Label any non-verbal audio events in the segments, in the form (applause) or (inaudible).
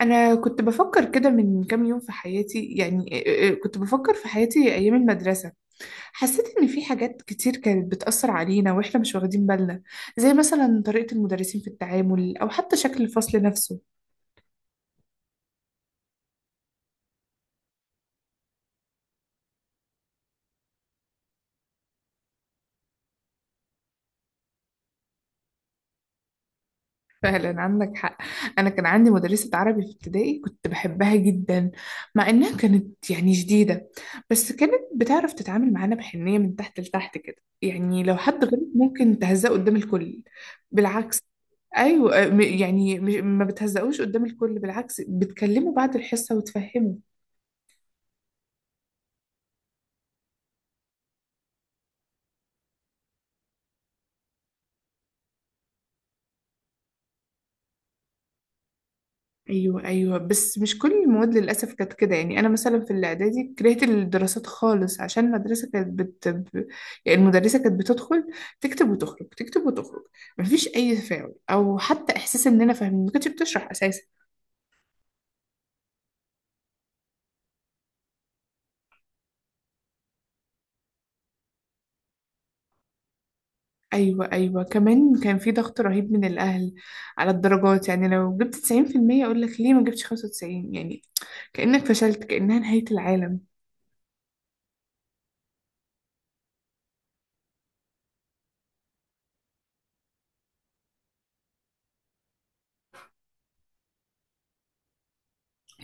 أنا كنت بفكر كده من كام يوم في حياتي، يعني كنت بفكر في حياتي أيام المدرسة. حسيت إن في حاجات كتير كانت بتأثر علينا وإحنا مش واخدين بالنا، زي مثلا طريقة المدرسين في التعامل أو حتى شكل الفصل نفسه. (laughs) فعلا عندك حق. أنا كان عندي مدرسة عربي في ابتدائي كنت بحبها جدا، مع إنها كانت يعني شديدة. بس كانت بتعرف تتعامل معانا بحنية من تحت لتحت كده. يعني لو حد غلط ممكن تهزأه قدام الكل؟ بالعكس. ايوه، آه، ما بتهزقوش قدام الكل، بالعكس بتكلموا بعد الحصه وتفهموا. ايوه ايوه، بس مش كل المواد للاسف كانت كده. يعني انا مثلا في الاعدادي كرهت الدراسات خالص عشان المدرسه يعني المدرسه كانت بتدخل، تكتب وتخرج، تكتب وتخرج، مفيش اي تفاعل او حتى احساس اننا فاهمين، ما كانتش بتشرح اساسا. ايوه ايوه، كمان كان في ضغط رهيب من الاهل على الدرجات. يعني لو جبت 90% اقول لك ليه ما جبتش 95؟ يعني كانك فشلت، كانها نهايه العالم.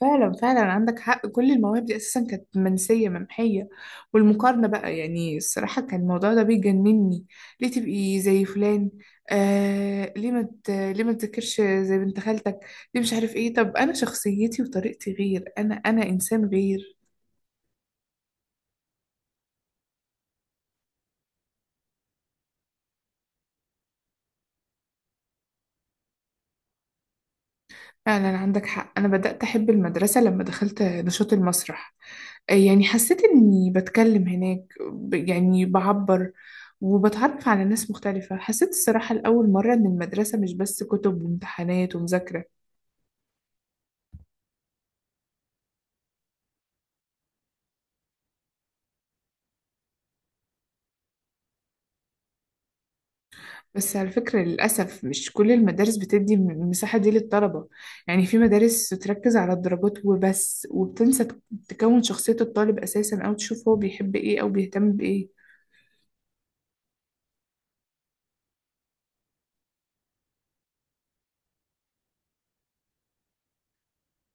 فعلا فعلا عندك حق، كل المواهب دي اساسا كانت منسيه ممحيه. والمقارنه بقى، يعني الصراحه كان الموضوع ده بيجنني. ليه تبقي زي فلان؟ آه، ليه ما تذاكرش زي بنت خالتك؟ ليه؟ مش عارف ايه. طب انا شخصيتي وطريقتي غير، انا انسان غير. فعلا عندك حق، انا بدات احب المدرسه لما دخلت نشاط المسرح. يعني حسيت إني بتكلم هناك، يعني بعبر وبتعرف على ناس مختلفة. حسيت الصراحة لأول مرة إن المدرسة مش بس كتب وامتحانات ومذاكرة. بس على فكرة، للأسف مش كل المدارس بتدي المساحة دي للطلبة. يعني في مدارس تركز على الدرجات وبس وبتنسى تكون شخصية الطالب أساسا، أو تشوف هو بيحب إيه أو بيهتم بإيه.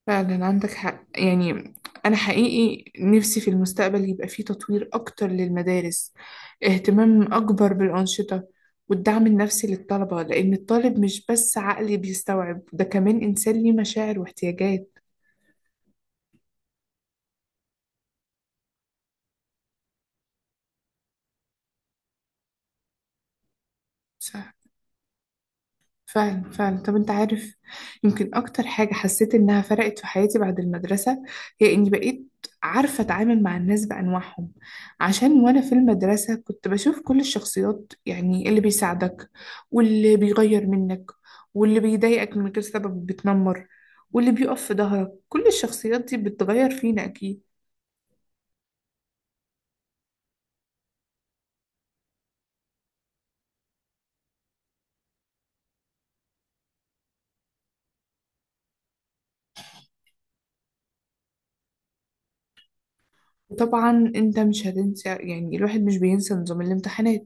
فعلا عندك حق يعني. أنا حقيقي نفسي في المستقبل يبقى فيه تطوير أكتر للمدارس، اهتمام أكبر بالأنشطة والدعم النفسي للطلبة، لأن الطالب مش بس عقلي بيستوعب، ده كمان إنسان ليه مشاعر واحتياجات. صح. فعلا فعلا. طب انت عارف، يمكن اكتر حاجة حسيت انها فرقت في حياتي بعد المدرسة هي اني بقيت عارفة اتعامل مع الناس بانواعهم. عشان وانا في المدرسة كنت بشوف كل الشخصيات، يعني اللي بيساعدك، واللي بيغير منك، واللي بيضايقك من غير سبب بتنمر، واللي بيقف في ظهرك. كل الشخصيات دي بتغير فينا اكيد. طبعا انت مش هتنسى، يعني الواحد مش بينسى نظام الامتحانات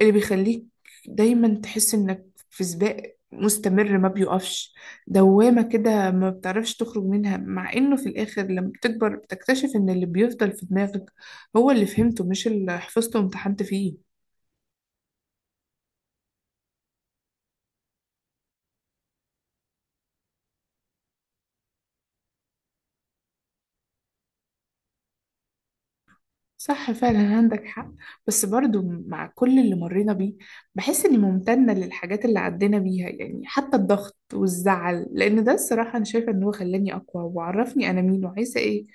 اللي بيخليك دايما تحس انك في سباق مستمر ما بيقفش، دوامة كده ما بتعرفش تخرج منها. مع انه في الاخر لما بتكبر بتكتشف ان اللي بيفضل في دماغك هو اللي فهمته، مش اللي حفظته وامتحنت فيه. صح فعلا عندك حق. بس برضو مع كل اللي مرينا بيه بحس اني ممتنة للحاجات اللي عدينا بيها، يعني حتى الضغط والزعل، لان ده الصراحة انا شايفة ان هو خلاني اقوى وعرفني انا مين وعايزة ايه.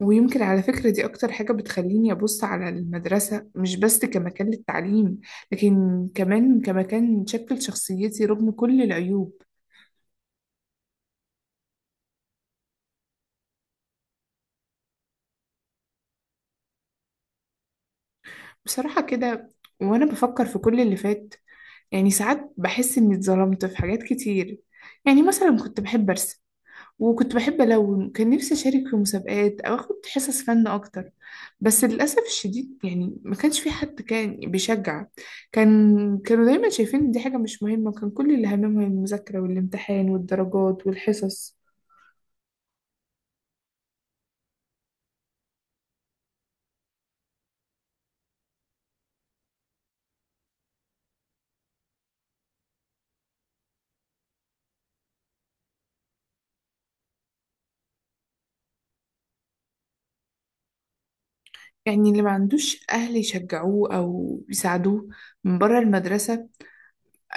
ويمكن على فكرة دي اكتر حاجة بتخليني ابص على المدرسة مش بس كمكان للتعليم، لكن كمان كمكان شكل شخصيتي رغم كل العيوب. بصراحة كده، وانا بفكر في كل اللي فات، يعني ساعات بحس اني اتظلمت في حاجات كتير. يعني مثلا كنت بحب ارسم وكنت بحب ألون، كان نفسي أشارك في مسابقات أو أخد حصص فن أكتر. بس للأسف الشديد، يعني ما كانش في حد كان بيشجع. كان كانوا دايما شايفين إن دي حاجة مش مهمة، كان كل اللي هممهم المذاكرة والامتحان والدرجات والحصص. يعني اللي ما عندوش أهل يشجعوه أو يساعدوه من بره المدرسة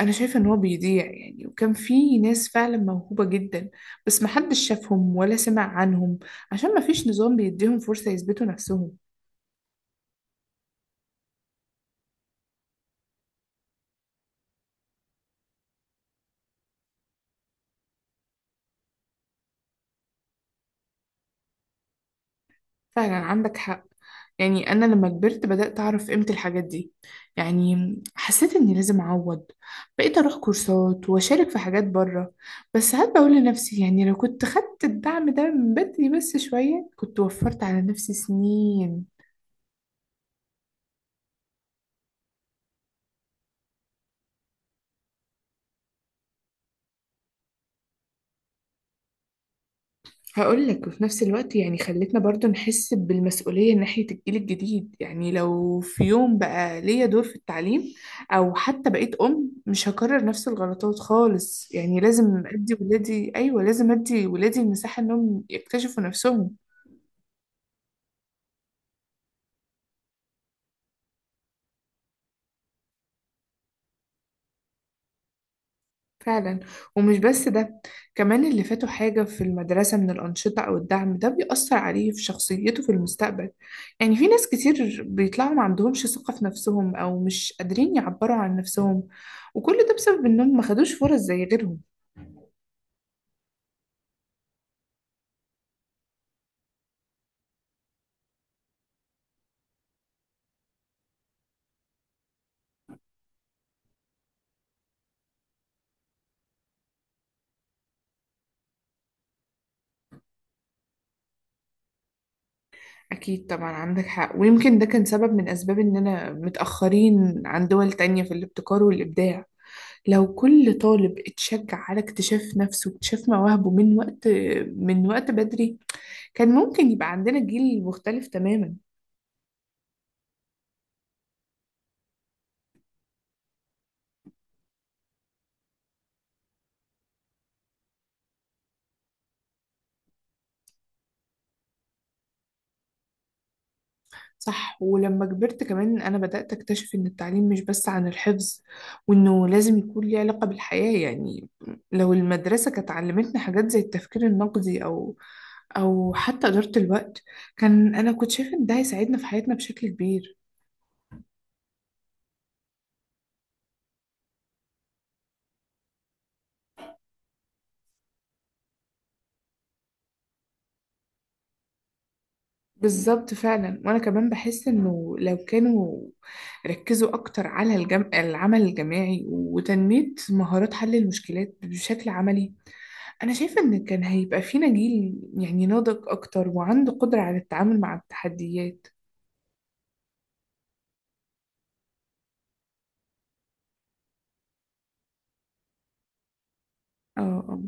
أنا شايفة إن هو بيضيع. يعني وكان في ناس فعلا موهوبة جدا بس محدش شافهم ولا سمع عنهم، عشان مفيش نظام بيديهم فرصة يثبتوا نفسهم. فعلا عندك حق. يعني أنا لما كبرت بدأت أعرف قيمة الحاجات دي. يعني حسيت إني لازم أعوض، بقيت أروح كورسات وأشارك في حاجات بره. بس ساعات بقول لنفسي، يعني لو كنت خدت الدعم ده من بدري بس شوية كنت وفرت على نفسي سنين. هقول لك، وفي نفس الوقت يعني خلتنا برضو نحس بالمسؤولية ناحية الجيل الجديد. يعني لو في يوم بقى ليا دور في التعليم أو حتى بقيت أم مش هكرر نفس الغلطات خالص. يعني لازم أدي ولادي، أيوة، لازم أدي ولادي المساحة إنهم يكتشفوا نفسهم. فعلا. ومش بس ده، كمان اللي فاته حاجة في المدرسة من الأنشطة أو الدعم ده بيأثر عليه في شخصيته في المستقبل. يعني في ناس كتير بيطلعوا ما عندهمش ثقة في نفسهم أو مش قادرين يعبروا عن نفسهم، وكل ده بسبب إنهم ما خدوش فرص زي غيرهم. أكيد طبعا عندك حق. ويمكن ده كان سبب من أسباب إننا متأخرين عن دول تانية في الابتكار والإبداع. لو كل طالب اتشجع على اكتشاف نفسه واكتشاف مواهبه من وقت بدري، كان ممكن يبقى عندنا جيل مختلف تماما. صح. ولما كبرت كمان أنا بدأت أكتشف إن التعليم مش بس عن الحفظ، وإنه لازم يكون ليه علاقة بالحياة. يعني لو المدرسة كانت علمتنا حاجات زي التفكير النقدي أو حتى إدارة الوقت، أنا كنت شايفة إن ده هيساعدنا في حياتنا بشكل كبير. بالظبط فعلا. وأنا كمان بحس إنه لو كانوا ركزوا أكتر على العمل الجماعي وتنمية مهارات حل المشكلات بشكل عملي، أنا شايفة إن كان هيبقى فينا جيل يعني ناضج أكتر وعنده قدرة على التعامل مع التحديات. اه، آه.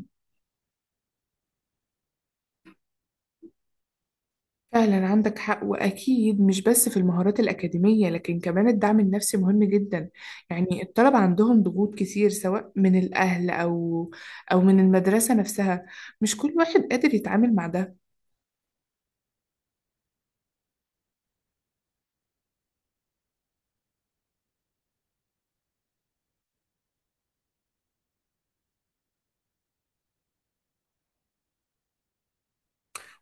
فعلا عندك حق، وأكيد مش بس في المهارات الأكاديمية، لكن كمان الدعم النفسي مهم جدا. يعني الطلبة عندهم ضغوط كتير سواء من الأهل أو من المدرسة نفسها، مش كل واحد قادر يتعامل مع ده.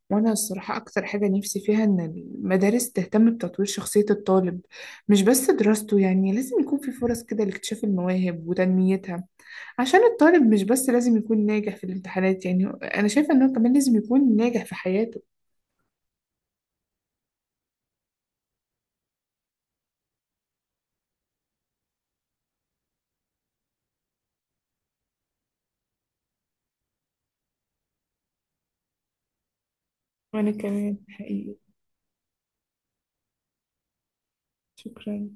وأنا الصراحة أكتر حاجة نفسي فيها إن المدارس تهتم بتطوير شخصية الطالب مش بس دراسته. يعني لازم يكون في فرص كده لاكتشاف المواهب وتنميتها، عشان الطالب مش بس لازم يكون ناجح في الامتحانات. يعني أنا شايفة إنه كمان لازم يكون ناجح في حياته. وأنا كمان حقيقي. شكرا.